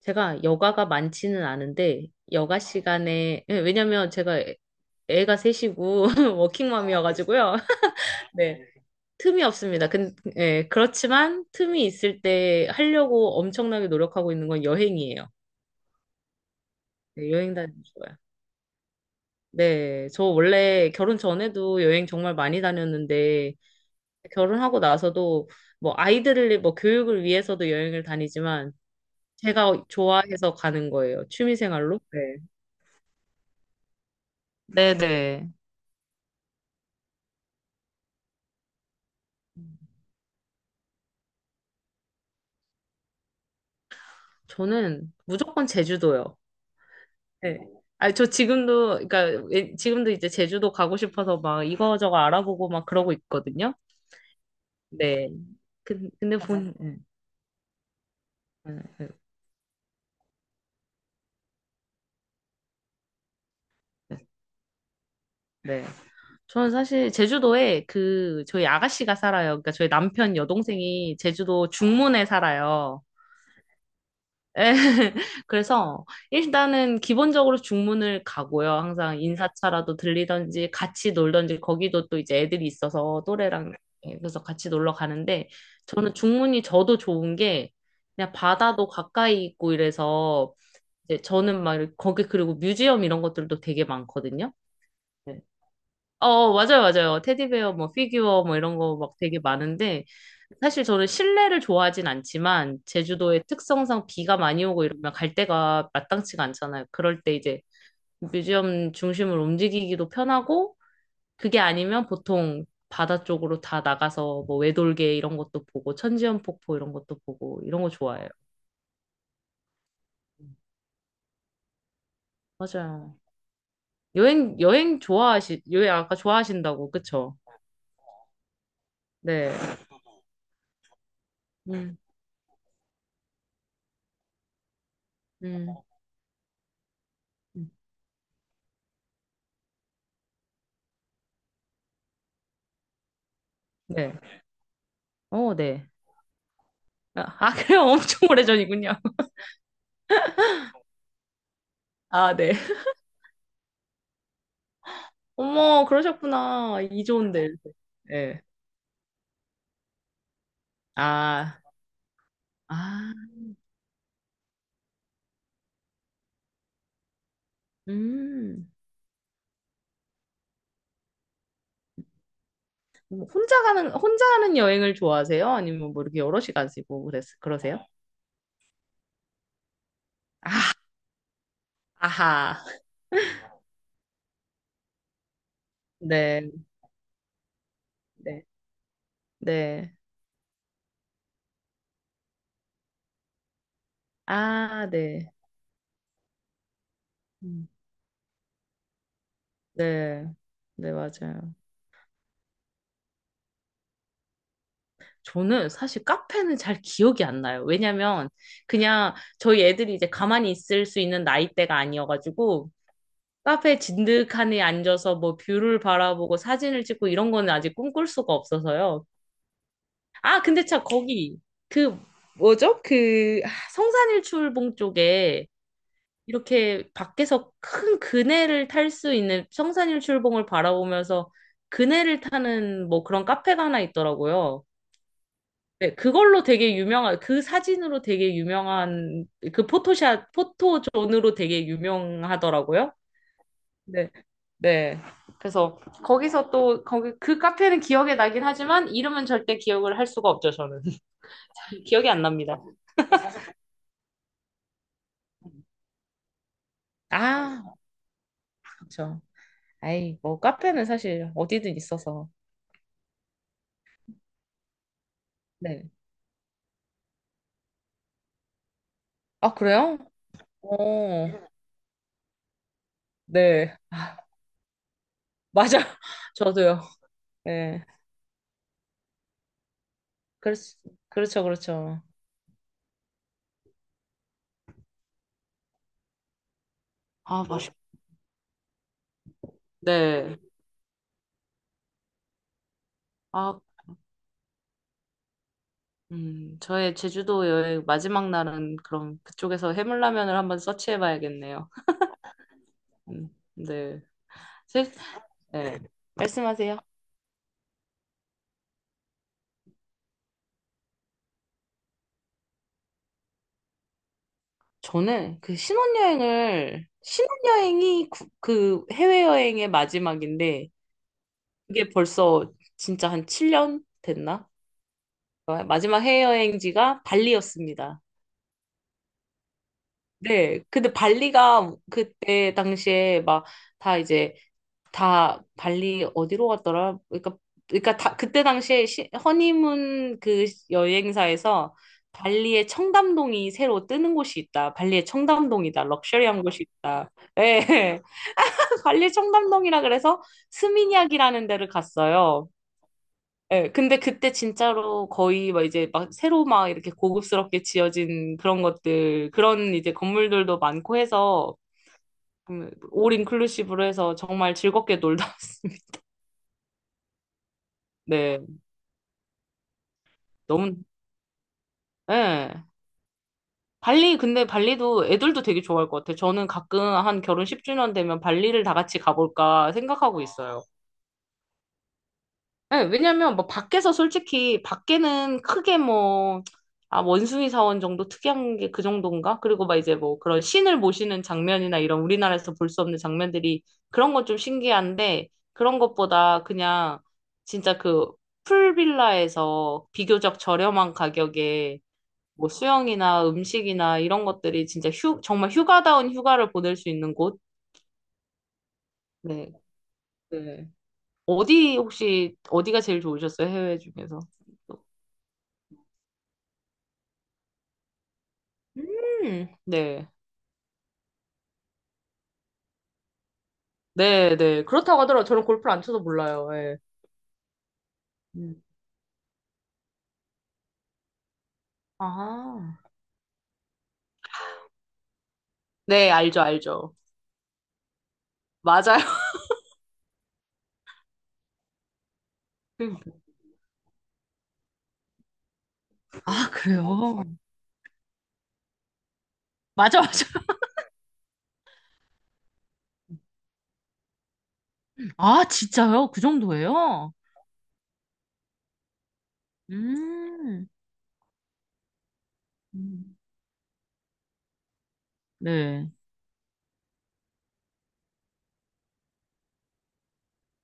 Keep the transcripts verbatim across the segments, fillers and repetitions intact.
제가 여가가 많지는 않은데 여가 시간에 예, 왜냐면 제가 애- 애가 셋이고 워킹맘이어가지고요. 네. 틈이 없습니다. 근, 예, 그렇지만 틈이 있을 때 하려고 엄청나게 노력하고 있는 건 여행이에요. 네, 여행 다니는 거 좋아요. 네, 저 원래 결혼 전에도 여행 정말 많이 다녔는데 결혼하고 나서도 뭐 아이들을 뭐 교육을 위해서도 여행을 다니지만 제가 좋아해서 가는 거예요. 취미 생활로. 네. 네네. 저는 무조건 제주도요. 네. 어, 아니, 저 지금도, 그러니까, 왜- 지금도 이제 제주도 가고 싶어서 막 이거저거 알아보고 막 그러고 있거든요. 네. 근- 근데 본, 네. 네. 네. 네. 저는 사실 제주도에 그, 저희 아가씨가 살아요. 그러니까 저희 남편 여동생이 제주도 중문에 살아요. 그래서 일단은 기본적으로 중문을 가고요. 항상 인사차라도 들리던지 같이 놀던지 거기도 또 이제 애들이 있어서 또래랑 예, 그래서 같이 놀러 가는데 저는 중문이 저도 좋은 게 그냥 바다도 가까이 있고 이래서 이제 저는 막 이렇게 거기 그리고 뮤지엄 이런 것들도 되게 많거든요. 네. 어, 맞아요, 맞아요. 테디베어, 뭐, 피규어, 뭐, 이런 거 막 되게 많은데, 사실 저는 실내를 좋아하진 않지만, 제주도의 특성상 비가 많이 오고 이러면 갈 데가 마땅치가 않잖아요. 그럴 때 이제 뮤지엄 중심을 움직이기도 편하고, 그게 아니면 보통 바다 쪽으로 다 나가서 뭐, 외돌개 이런 것도 보고, 천지연 폭포 이런 것도 보고, 이런 거 좋아해요. 맞아요. 여행, 여행 좋아하시, 여행 아까 좋아하신다고, 그쵸? 네. 음, 음, 음. 네. 어, 네. 아, 아, 그래요? 엄청 오래전이군요. 아, 네. 어머, 그러셨구나. 이조인데. 네. 아, 아, 음. 뭐 혼자 가는, 혼자 하는 여행을 좋아하세요? 아니면 뭐 이렇게 여럿이 가시고 그랬, 그러세요? 아, 아하. 네, 네, 네. 아, 네. 음, 네. 네, 맞아요. 저는 사실 카페는 잘 기억이 안 나요. 왜냐면 그냥 저희 애들이 이제 가만히 있을 수 있는 나이대가 아니어가지고 카페 진득하니 앉아서 뭐 뷰를 바라보고 사진을 찍고 이런 거는 아직 꿈꿀 수가 없어서요. 아, 근데 참 거기 그 뭐죠? 그 아, 성산일출봉 쪽에 이렇게 밖에서 큰 그네를 탈 수 있는 성산일출봉을 바라보면서 그네를 타는 뭐 그런 카페가 하나 있더라고요. 네, 그걸로 되게 유명한, 그 사진으로 되게 유명한, 그 포토샷, 포토존으로 되게 유명하더라고요. 네. 네. 그래서 거기서 또 거기 그 카페는 기억에 나긴 하지만 이름은 절대 기억을 할 수가 없죠, 저는. 기억이 안 납니다. 아, 그렇죠. 아이, 뭐 카페는 사실 어디든 있어서. 네. 아, 그래요? 어. 네. 맞아. 저도요. 네. 그렇, 그렇죠, 그렇죠. 아, 맛있. 네. 아, 음, 저의 제주도 여행 마지막 날은 그럼 그쪽에서 해물라면을 한번 서치해 봐야겠네요. 음, 네. 세- 네, 말씀하세요. 저는 그 신혼여행을, 신혼여행이 구- 그 해외여행의 마지막인데, 그게 벌써 진짜 한 칠 년 됐나? 마지막 해외여행지가 발리였습니다. 네. 근데 발리가 그때 당시에 막 다 이제 다 발리 어디로 갔더라? 그러니까 그러니까 다 그때 당시에 시, 허니문 그 여행사에서 발리의 청담동이 새로 뜨는 곳이 있다. 발리의 청담동이다. 럭셔리한 곳이 있다. 예. 발리 청담동이라 그래서 스미냑이라는 데를 갔어요. 예, 근데 그때 진짜로 거의 막 이제 막 새로 막 이렇게 고급스럽게 지어진 그런 것들, 그런 이제 건물들도 많고 해서, 음, 올 인클루시브로 해서 정말 즐겁게 놀다 왔습니다. 네, 너무, 예. 발리, 근데 발리도 애들도 되게 좋아할 것 같아요. 저는 가끔 한 결혼 십 주년 되면 발리를 다 같이 가볼까 생각하고 있어요. 네, 왜냐면 뭐 밖에서 솔직히 밖에는 크게 뭐 아, 원숭이 사원 정도 특이한 게 그 정도인가? 그리고 막 이제 뭐 그런 신을 모시는 장면이나 이런 우리나라에서 볼 수 없는 장면들이 그런 건 좀 신기한데 그런 것보다 그냥 진짜 그 풀빌라에서 비교적 저렴한 가격에 뭐 수영이나 음식이나 이런 것들이 진짜 휴, 정말 휴가다운 휴가를 보낼 수 있는 곳? 네. 네. 어디 혹시 어디가 제일 좋으셨어요? 해외 중에서? 음, 네. 네, 네. 그렇다고 하더라고요. 저는 골프를 안 쳐서 몰라요. 예. 음. 아. 네, 알죠, 알죠. 맞아요. 아, 그래요? 맞아, 맞아. 아, 진짜요? 그 정도예요? 음, 음. 네.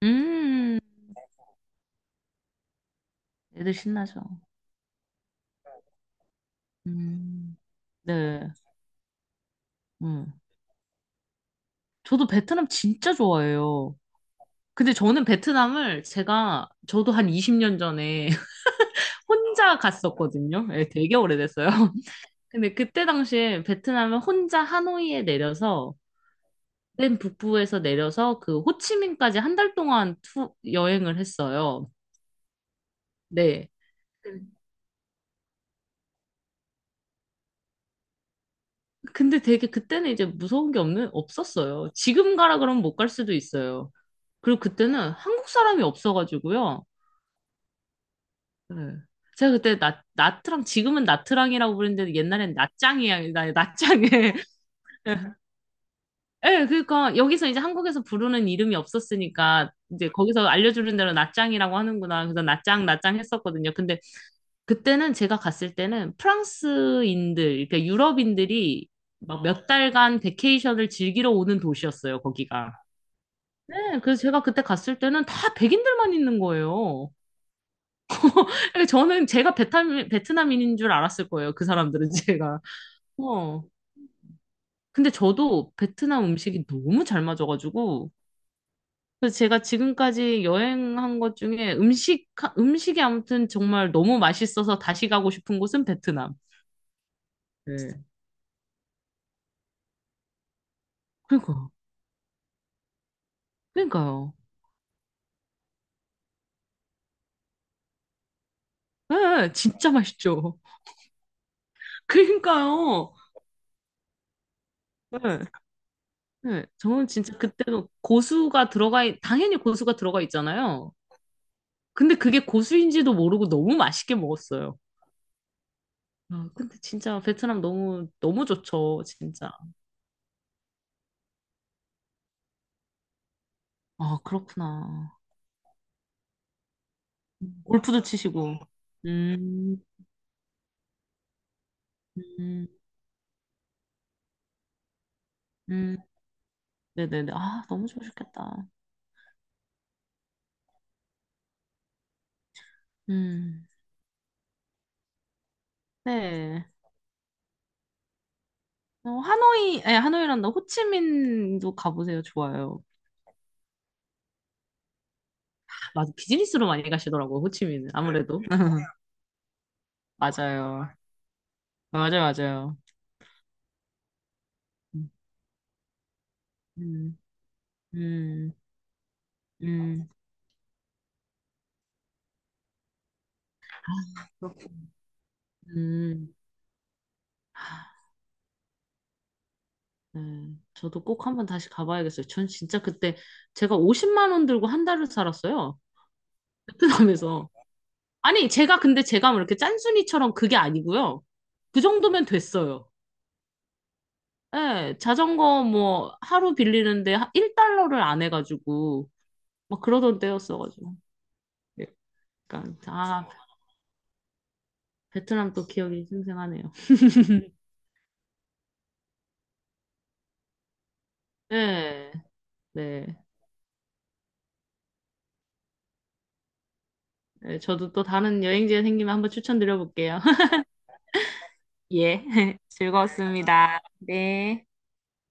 음, 애들 신나죠. 음, 네. 음. 저도 베트남 진짜 좋아해요. 근데 저는 베트남을 제가, 저도 한 이십 년 전에 혼자 갔었거든요. 예, 되게 오래됐어요. 근데 그때 당시에 베트남을 혼자 하노이에 내려서 맨 북부에서 내려서 그 호치민까지 한 달 동안 투, 여행을 했어요. 네. 근데 되게 그때는 이제 무서운 게 없는 없었어요. 지금 가라 그러면 못 갈 수도 있어요. 그리고 그때는 한국 사람이 없어가지고요. 네. 제가 그때 나, 나트랑 지금은 나트랑이라고 부르는데 옛날엔 나짱이야 나, 나짱에 예, 그러니까 여기서 이제 한국에서 부르는 이름이 없었으니까 이제 거기서 알려주는 대로 나짱이라고 하는구나. 그래서 나짱, 나짱 했었거든요. 근데 그때는 제가 갔을 때는 프랑스인들, 그러니까 유럽인들이 막 몇 달간 베케이션을 즐기러 오는 도시였어요, 거기가. 네, 그래서 제가 그때 갔을 때는 다 백인들만 있는 거예요. 그러니까 저는 제가 베트남, 베트남인인 줄 알았을 거예요, 그 사람들은 제가. 어. 근데 저도 베트남 음식이 너무 잘 맞아가지고 그래서 제가 지금까지 여행한 것 중에 음식, 음식이 아무튼 정말 너무 맛있어서 다시 가고 싶은 곳은 베트남. 네. 그러니까, 그러니까요. 예, 진짜 맛있죠. 그러니까요. 예, 예, 저는 진짜 그때도 고수가 들어가, 있- 당연히 고수가 들어가 있잖아요. 근데 그게 고수인지도 모르고 너무 맛있게 먹었어요. 아, 근데 진짜 베트남 너무, 너무 좋죠, 진짜. 아, 그렇구나. 골프도 치시고. 음, 음, 음. 네네네. 아, 너무 좋으셨겠다. 음. 네. 어, 하노이, 아니, 하노이란다. 호치민도 가보세요. 좋아요. 맞아. 비즈니스로 많이 가시더라고요. 호치민은. 아무래도. 맞아요. 맞아요. 맞아요. 음, 음, 음, 아, 음. 네. 저도 꼭 한번 다시 가봐야겠어요. 전 진짜 그때 제가 오십만 원 들고 한 달을 살았어요. 베트남에서. 아니, 제가 근데 제가 뭐 이렇게 짠순이처럼 그게 아니고요. 그 정도면 됐어요. 예, 자전거 뭐 하루 빌리는데 일 달러를 안 해가지고 막 그러던 때였어가지고 약간 아 베트남 또 기억이 생생하네요. 네, 네, 네, 저도 또 다른 여행지에 생기면 한번 추천드려볼게요. 예, 즐거웠습니다. 네.